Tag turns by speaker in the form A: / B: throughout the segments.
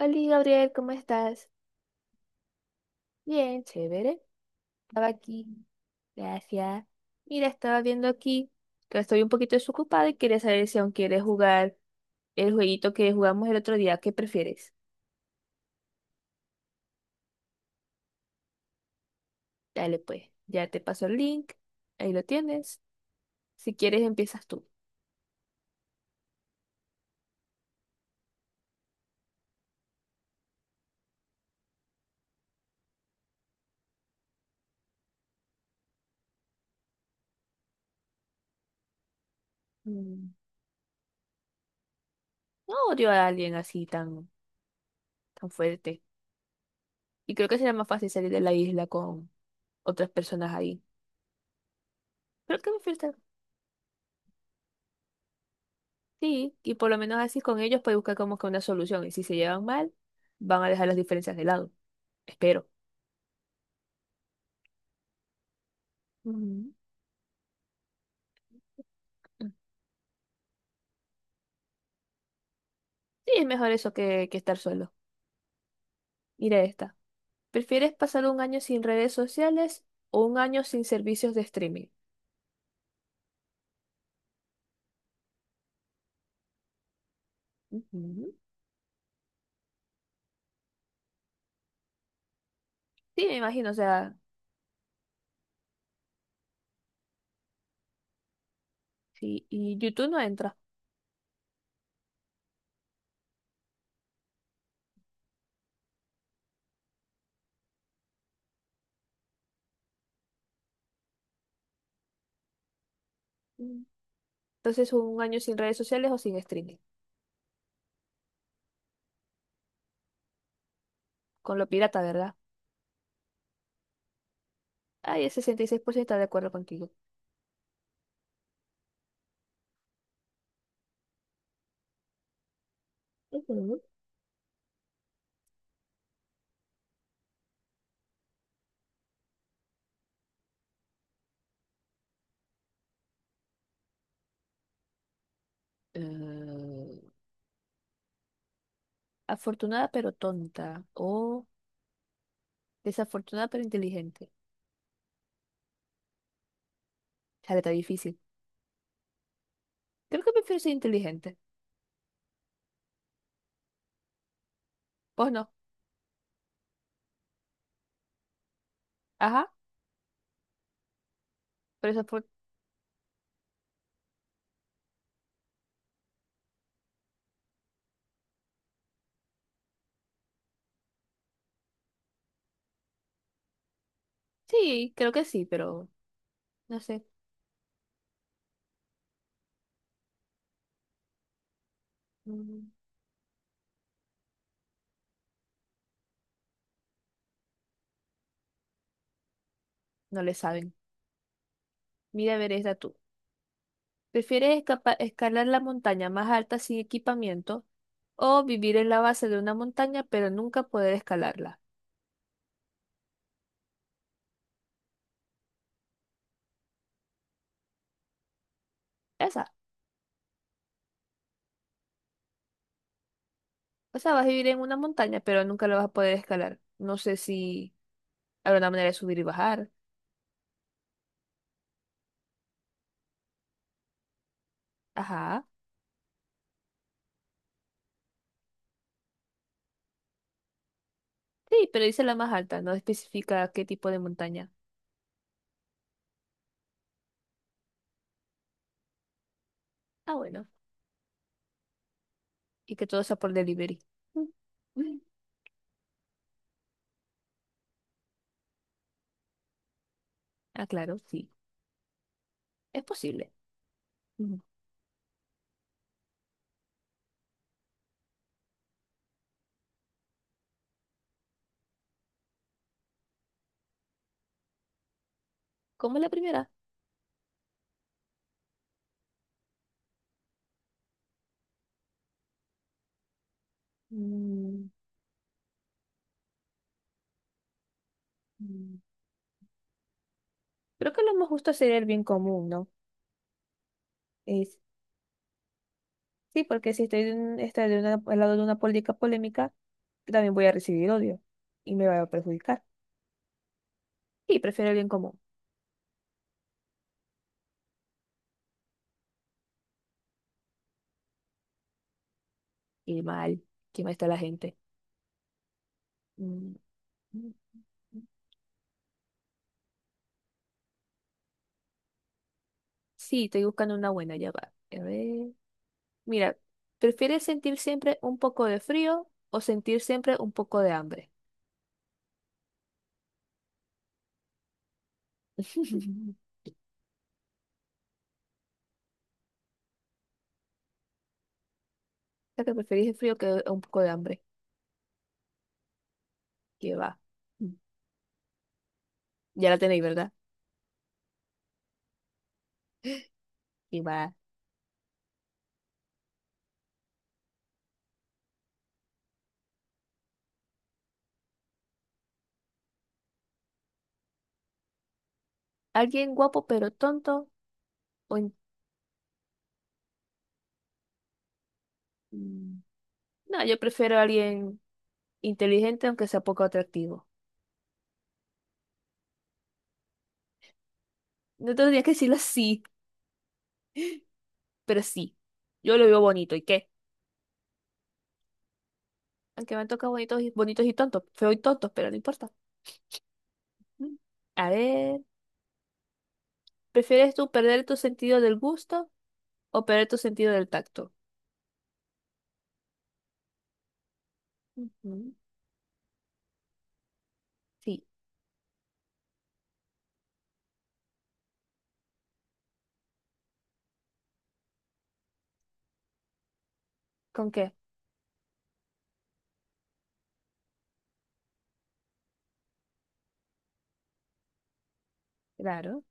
A: Hola Gabriel, ¿cómo estás? Bien, chévere. Estaba aquí. Gracias. Mira, estaba viendo aquí que estoy un poquito desocupada y quería saber si aún quieres jugar el jueguito que jugamos el otro día. ¿Qué prefieres? Dale pues, ya te paso el link. Ahí lo tienes. Si quieres, empiezas tú. Mm, No odio a alguien así tan fuerte. Y creo que será más fácil salir de la isla con otras personas ahí. Creo que me falta. Sí, y por lo menos así con ellos puedes buscar como que una solución. Y si se llevan mal, van a dejar las diferencias de lado. Espero. Ujú. Mm. Sí, es mejor eso que estar solo. Mira esta. ¿Prefieres pasar un año sin redes sociales o un año sin servicios de streaming? Ujú. Sí, me imagino, o sea, sí, y YouTube no entra. Mm. Entonces, un año sin redes sociales o sin streaming. Con lo pirata, ¿verdad? Ay, el 66% está de acuerdo contigo. Ujú. Eh, Afortunada pero tonta. O desafortunada pero inteligente. Chale, está difícil. Creo que prefiero ser inteligente. Pues no. Ajá. Pero desafor- Sí, creo que sí, pero no sé. Mm, No le saben. Mira, a ver, esta tú. ¿Prefieres escalar la montaña más alta sin equipamiento o vivir en la base de una montaña pero nunca poder escalarla? Esa. O sea, vas a vivir en una montaña pero nunca la vas a poder escalar. No sé si habrá una manera de subir y bajar. Ajá. Sí, pero dice la más alta, no especifica qué tipo de montaña. Ah, bueno. Y que todo sea por delivery. Mm. Mm. Ah, claro, sí, es posible. Mm. Como la primera. Mm, mm. Creo que lo más justo sería el bien común, ¿no? Es, sí, porque si estoy, de un- estoy de una- al lado de una política polémica, también voy a recibir odio y me va a perjudicar. Y prefiero el bien común. Y mal, quién mal está la gente. Mm, mm, mm. Sí, estoy buscando una buena, ya va. A ver. Mira, ¿prefieres sentir siempre un poco de frío o sentir siempre un poco de hambre? O sea, que preferís el frío que un poco de hambre. Que va. Mm. Ya la tenéis, ¿verdad? Y va. ¿Alguien guapo pero tonto? O in- Mm. No, yo prefiero a alguien inteligente aunque sea poco atractivo. No tendría que decirlo así, pero sí. Yo lo veo bonito, ¿y qué? Aunque me han tocado bonitos y tontos, feo y tontos, pero no importa. Mm. A ver, ¿prefieres tú perder tu sentido del gusto o perder tu sentido del tacto? Ujú. Sí, ¿con qué? Claro,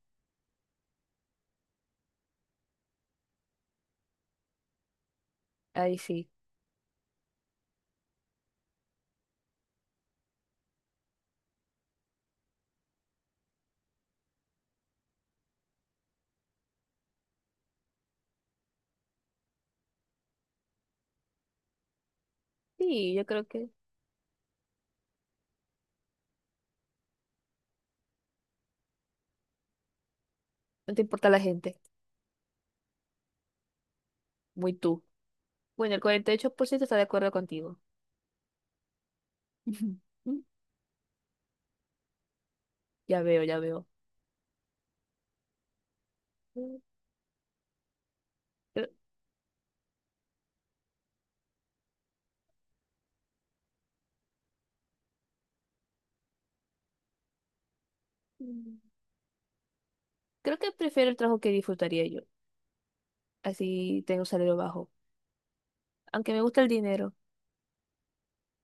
A: ahí sí. Sí, yo creo que. No te importa la gente, muy tú. Bueno, el 48% está de acuerdo contigo. Ya veo, ya veo. Creo, creo que prefiero el trabajo que disfrutaría yo. Así tengo un salario bajo. Aunque me gusta el dinero,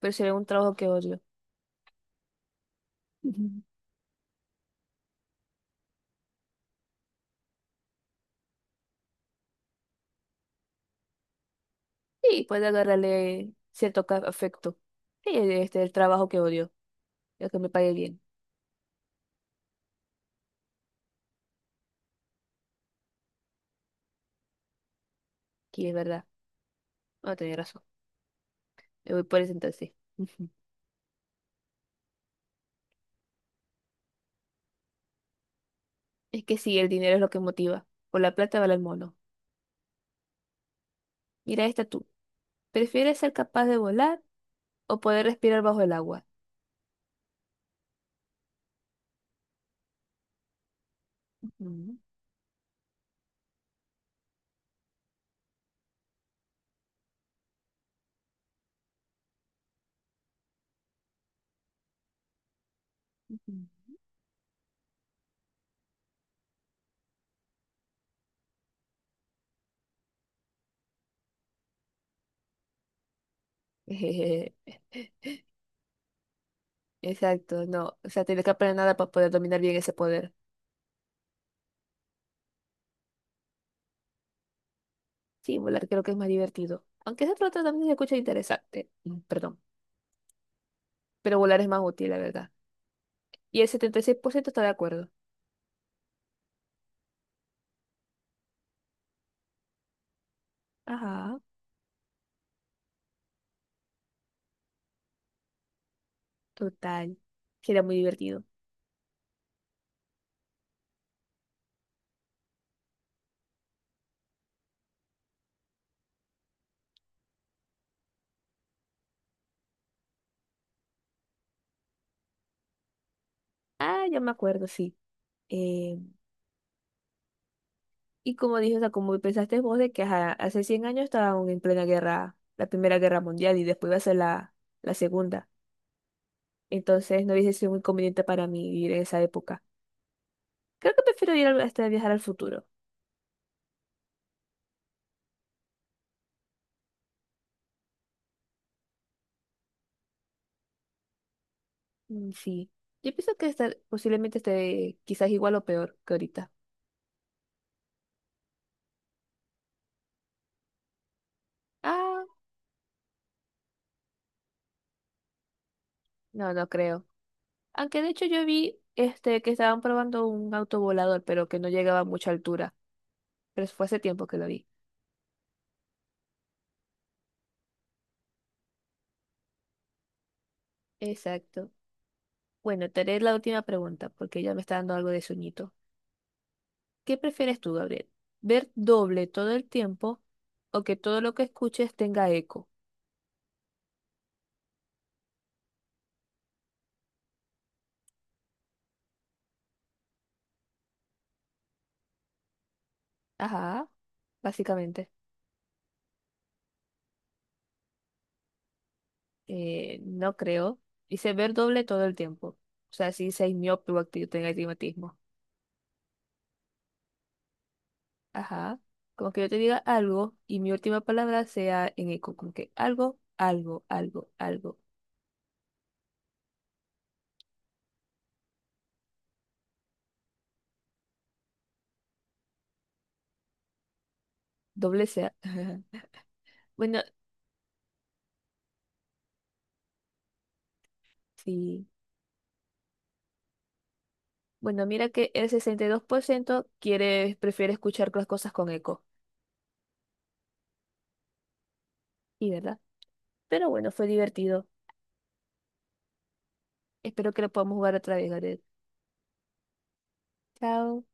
A: pero sería un trabajo que odio. Ujú. Sí, puede agarrarle cierto afecto. Sí, este es el trabajo que odio, el que me pague bien, que es verdad. No, tenía razón. Me voy por ese entonces. Ujú. Es que sí, el dinero es lo que motiva. Por la plata vale el mono. Mira esta tú. ¿Prefieres ser capaz de volar o poder respirar bajo el agua? Ujú, ujú. Exacto, no. O sea, tienes que aprender nada para poder dominar bien ese poder. Sí, volar creo que es más divertido. Aunque ese otro también se escucha interesante. Perdón. Pero volar es más útil, la verdad. Y el 76% está de acuerdo. Ajá, total. Sería muy divertido. Ah, ya me acuerdo, sí. Eh, y como dije, o sea, como pensaste vos de que ajá, hace 100 años estaban en plena guerra, la Primera Guerra Mundial y después iba a ser la Segunda. Entonces no hubiese sido muy conveniente para mí vivir en esa época. Creo que prefiero ir hasta viajar al futuro. Sí. Yo pienso que estar, posiblemente esté quizás igual o peor que ahorita. Ah, no, no creo. Aunque de hecho yo vi este que estaban probando un auto volador, pero que no llegaba a mucha altura. Pero eso fue hace tiempo que lo vi. Exacto. Bueno, te haré la última pregunta, porque ya me está dando algo de sueñito. ¿Qué prefieres tú, Gabriel? ¿Ver doble todo el tiempo o que todo lo que escuches tenga eco? Ajá, básicamente. No creo. Dice ver doble todo el tiempo. O sea, si dice miope o tenga astigmatismo. Ajá. Como que yo te diga algo y mi última palabra sea en eco. Como que algo, algo, algo, algo. Doble sea. Bueno, sí. Bueno, mira que el 62% prefiere escuchar las cosas con eco. Y verdad. Pero bueno, fue divertido. Espero que lo podamos jugar otra vez, Gareth. Chao.